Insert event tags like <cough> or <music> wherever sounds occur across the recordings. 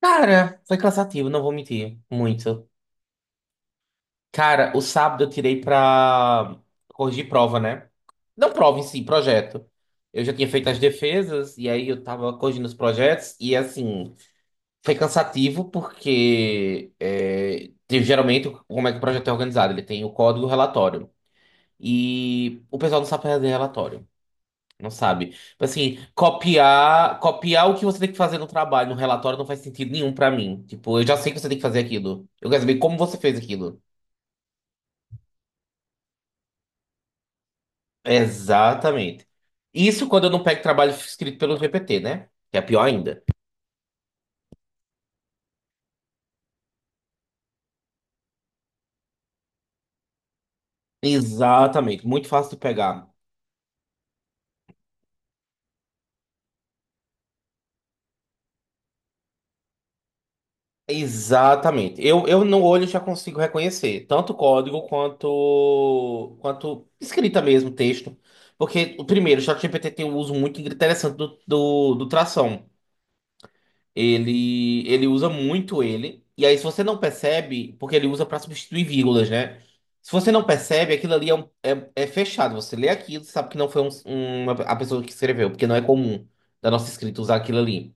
Cara, foi cansativo, não vou mentir. Muito. Cara, o sábado eu tirei pra corrigir prova, né? Não prova em si, projeto. Eu já tinha feito as defesas e aí eu tava corrigindo os projetos e assim, foi cansativo porque geralmente como é que o projeto é organizado? Ele tem o código e o relatório. E o pessoal não sabe fazer relatório. Não sabe. Tipo assim, copiar, copiar o que você tem que fazer no trabalho, no relatório, não faz sentido nenhum pra mim. Tipo, eu já sei que você tem que fazer aquilo. Eu quero saber como você fez aquilo. Exatamente. Isso quando eu não pego trabalho escrito pelo GPT, né? Que é pior ainda. Exatamente. Muito fácil de pegar. Exatamente. Eu no olho já consigo reconhecer tanto código quanto escrita mesmo, texto. Porque, o primeiro, o ChatGPT tem um uso muito interessante do tração. Ele usa muito ele. E aí, se você não percebe, porque ele usa para substituir vírgulas, né? Se você não percebe, aquilo ali é fechado. Você lê aquilo, sabe que não foi a pessoa que escreveu, porque não é comum da nossa escrita usar aquilo ali.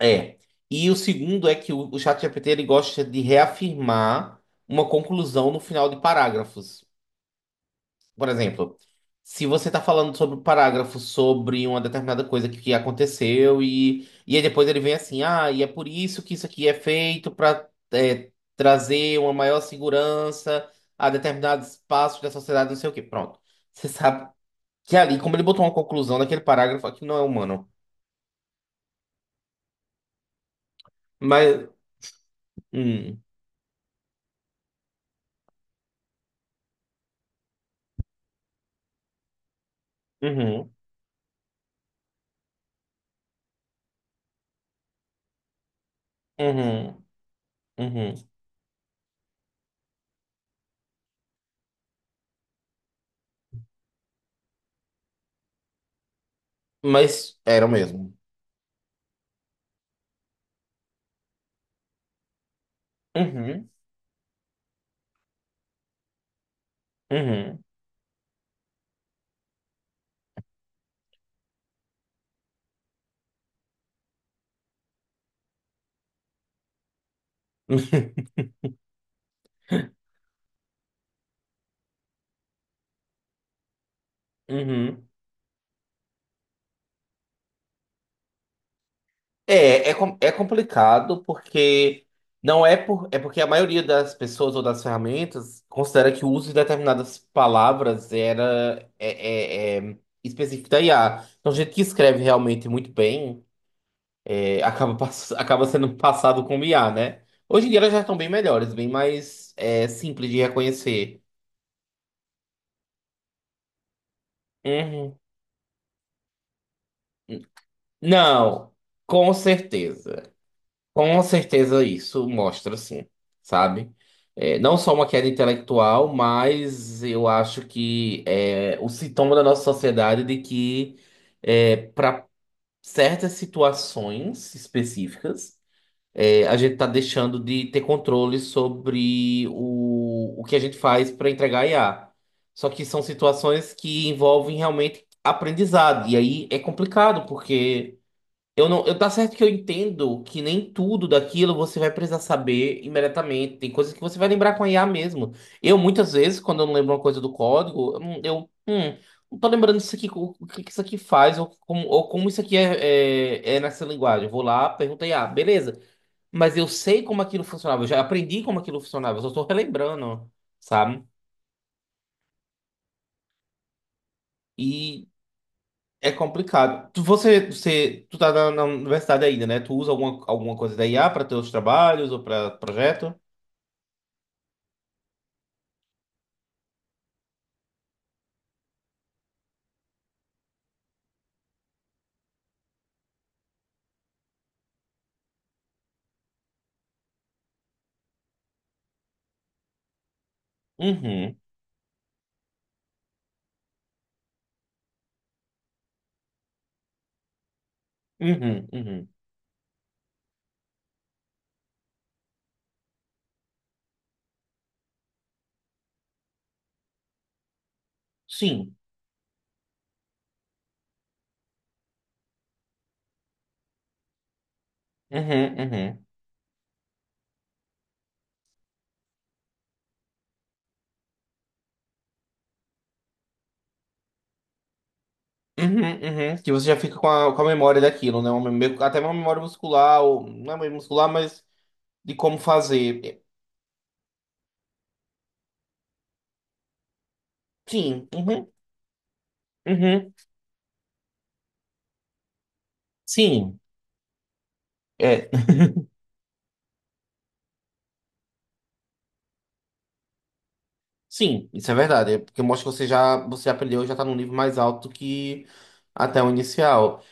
É. E o segundo é que o ChatGPT ele gosta de reafirmar uma conclusão no final de parágrafos. Por exemplo, se você está falando sobre um parágrafo sobre uma determinada coisa que aconteceu e aí depois ele vem assim, ah, e é por isso que isso aqui é feito para trazer uma maior segurança a determinados espaços da sociedade, não sei o quê. Pronto. Você sabe que ali, como ele botou uma conclusão naquele parágrafo, aqui não é humano. Mas. Hum, uhum, uhum, uhum. Mas era o mesmo. Uhum, uhum, <laughs> uhum. É complicado porque não é porque a maioria das pessoas ou das ferramentas considera que o uso de determinadas palavras é específico da IA. Então, gente que escreve realmente muito bem <laughs> acaba sendo passado como IA, né? Hoje em dia elas já estão bem melhores, bem mais simples de reconhecer. Uhum. Não, com certeza. Com certeza isso mostra, sim, sabe? É, não só uma queda intelectual, mas eu acho que é o sintoma da nossa sociedade de que para certas situações específicas, a gente está deixando de ter controle sobre o que a gente faz para entregar IA. Só que são situações que envolvem realmente aprendizado, e aí é complicado, porque. Eu não, eu tá certo que eu entendo que nem tudo daquilo você vai precisar saber imediatamente. Tem coisas que você vai lembrar com a IA mesmo. Eu, muitas vezes, quando eu não lembro uma coisa do código, eu, não tô lembrando isso aqui, o que que isso aqui faz, ou como isso aqui é nessa linguagem. Eu vou lá, pergunto a IA, beleza. Mas eu sei como aquilo funcionava, eu já aprendi como aquilo funcionava, eu só tô relembrando, sabe? E é complicado. Tu tá na universidade ainda, né? Tu usa alguma coisa da IA para teus trabalhos ou para projeto? Uhum, uhum, uhum. Sim. Uhum, uhum. Uhum, uhum. Que você já fica com a memória daquilo, né? Até uma memória muscular, ou, não é meio muscular, mas de como fazer. É, sim. Uhum, uhum. Sim. É. <laughs> Sim, isso é verdade. É porque mostra que você já aprendeu e já tá num nível mais alto que até o inicial.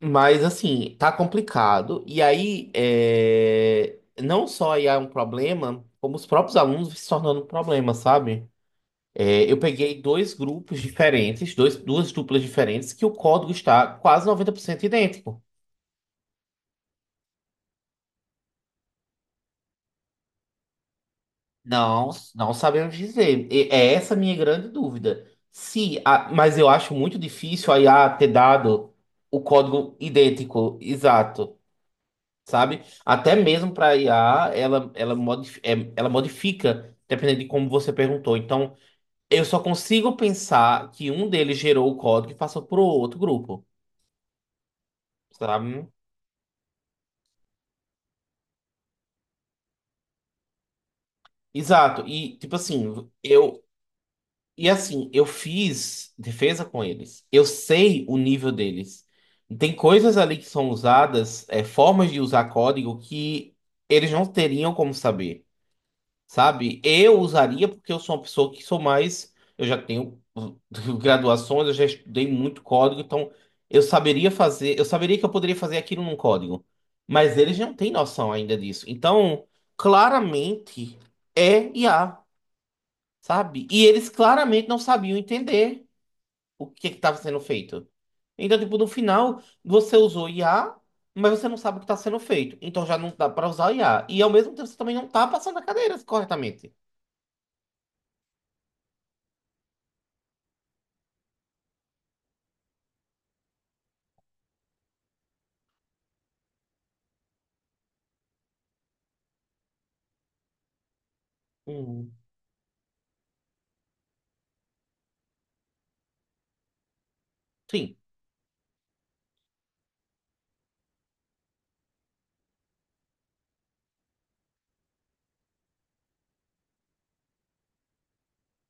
Mas assim, tá complicado. E aí, não só aí é um problema, como os próprios alunos se tornando um problema, sabe? É, eu peguei dois grupos diferentes, duas duplas diferentes, que o código está quase 90% idêntico. Não, não sabemos dizer. E é essa a minha grande dúvida. Se, a- Mas eu acho muito difícil a IA ter dado o código idêntico, exato. Sabe? Até mesmo para IA, ela modifica, dependendo de como você perguntou. Então, eu só consigo pensar que um deles gerou o código e passou para outro grupo, sabe? Exato. E, tipo assim, eu. E assim, eu fiz defesa com eles. Eu sei o nível deles. Tem coisas ali que são usadas, formas de usar código que eles não teriam como saber. Sabe? Eu usaria porque eu sou uma pessoa que sou mais. Eu já tenho <laughs> graduações, eu já estudei muito código, então eu saberia fazer, eu saberia que eu poderia fazer aquilo num código. Mas eles não têm noção ainda disso. Então, claramente é IA, sabe? E eles claramente não sabiam entender o que estava sendo feito. Então, tipo, no final, você usou IA, mas você não sabe o que está sendo feito. Então já não dá para usar IA. E ao mesmo tempo você também não está passando a cadeira corretamente. Uhum. Sim.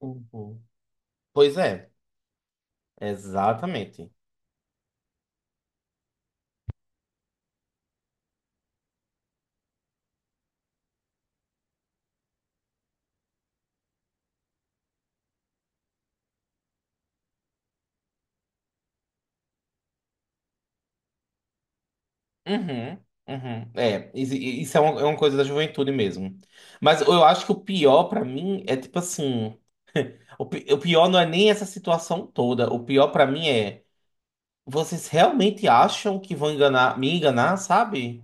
Uhum. Pois é, exatamente. Uhum, uhum. É, isso é é uma coisa da juventude mesmo. Mas eu acho que o pior pra mim é tipo assim, o pior não é nem essa situação toda. O pior pra mim é vocês realmente acham que vão enganar, me enganar, sabe?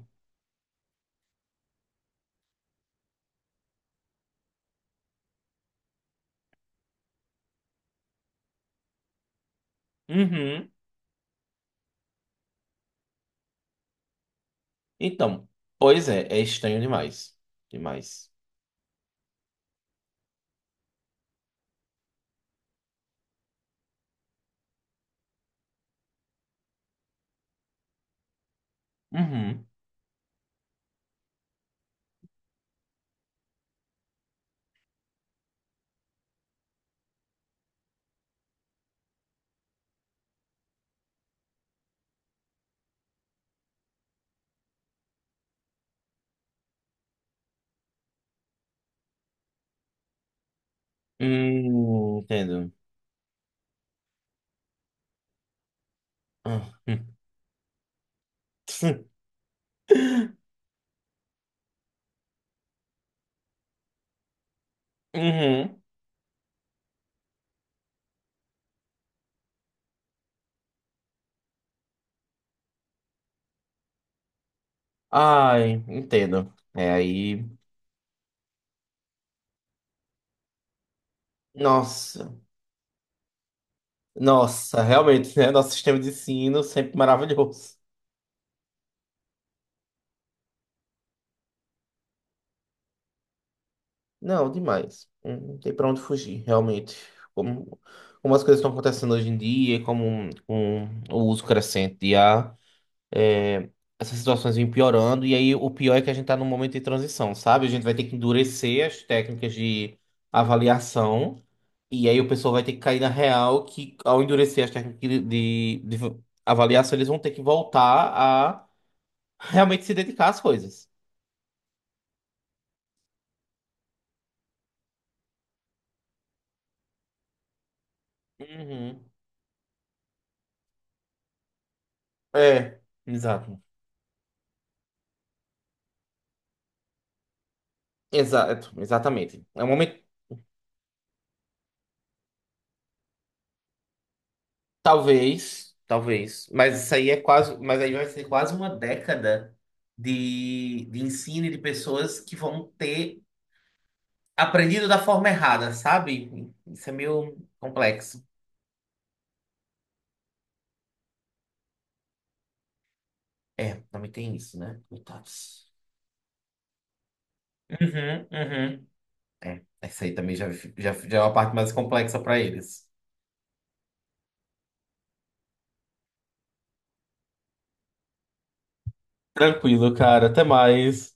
Uhum. Então, pois é, é estranho demais. Demais. Uhum. Entendo. Ah. <laughs> Uhum. Ai, entendo. É aí. Nossa, nossa, realmente, né? Nosso sistema de ensino sempre maravilhoso. Não, demais. Não tem pra onde fugir, realmente. Como, como as coisas estão acontecendo hoje em dia, com o uso crescente de IA é, essas situações vêm piorando. E aí o pior é que a gente tá num momento de transição, sabe? A gente vai ter que endurecer as técnicas de avaliação. E aí o pessoal vai ter que cair na real que, ao endurecer as técnicas de avaliação, eles vão ter que voltar a realmente se dedicar às coisas. Uhum. É, exato. Exato, exatamente. É um momento, talvez, talvez, mas isso aí mas aí vai ser quase uma década de ensino e de pessoas que vão ter aprendido da forma errada, sabe? Isso é meio complexo. É, também tem isso, né? Coitados. Uhum, uhum. É, essa aí também já, já, é uma parte mais complexa para eles. Tranquilo, cara. Até mais.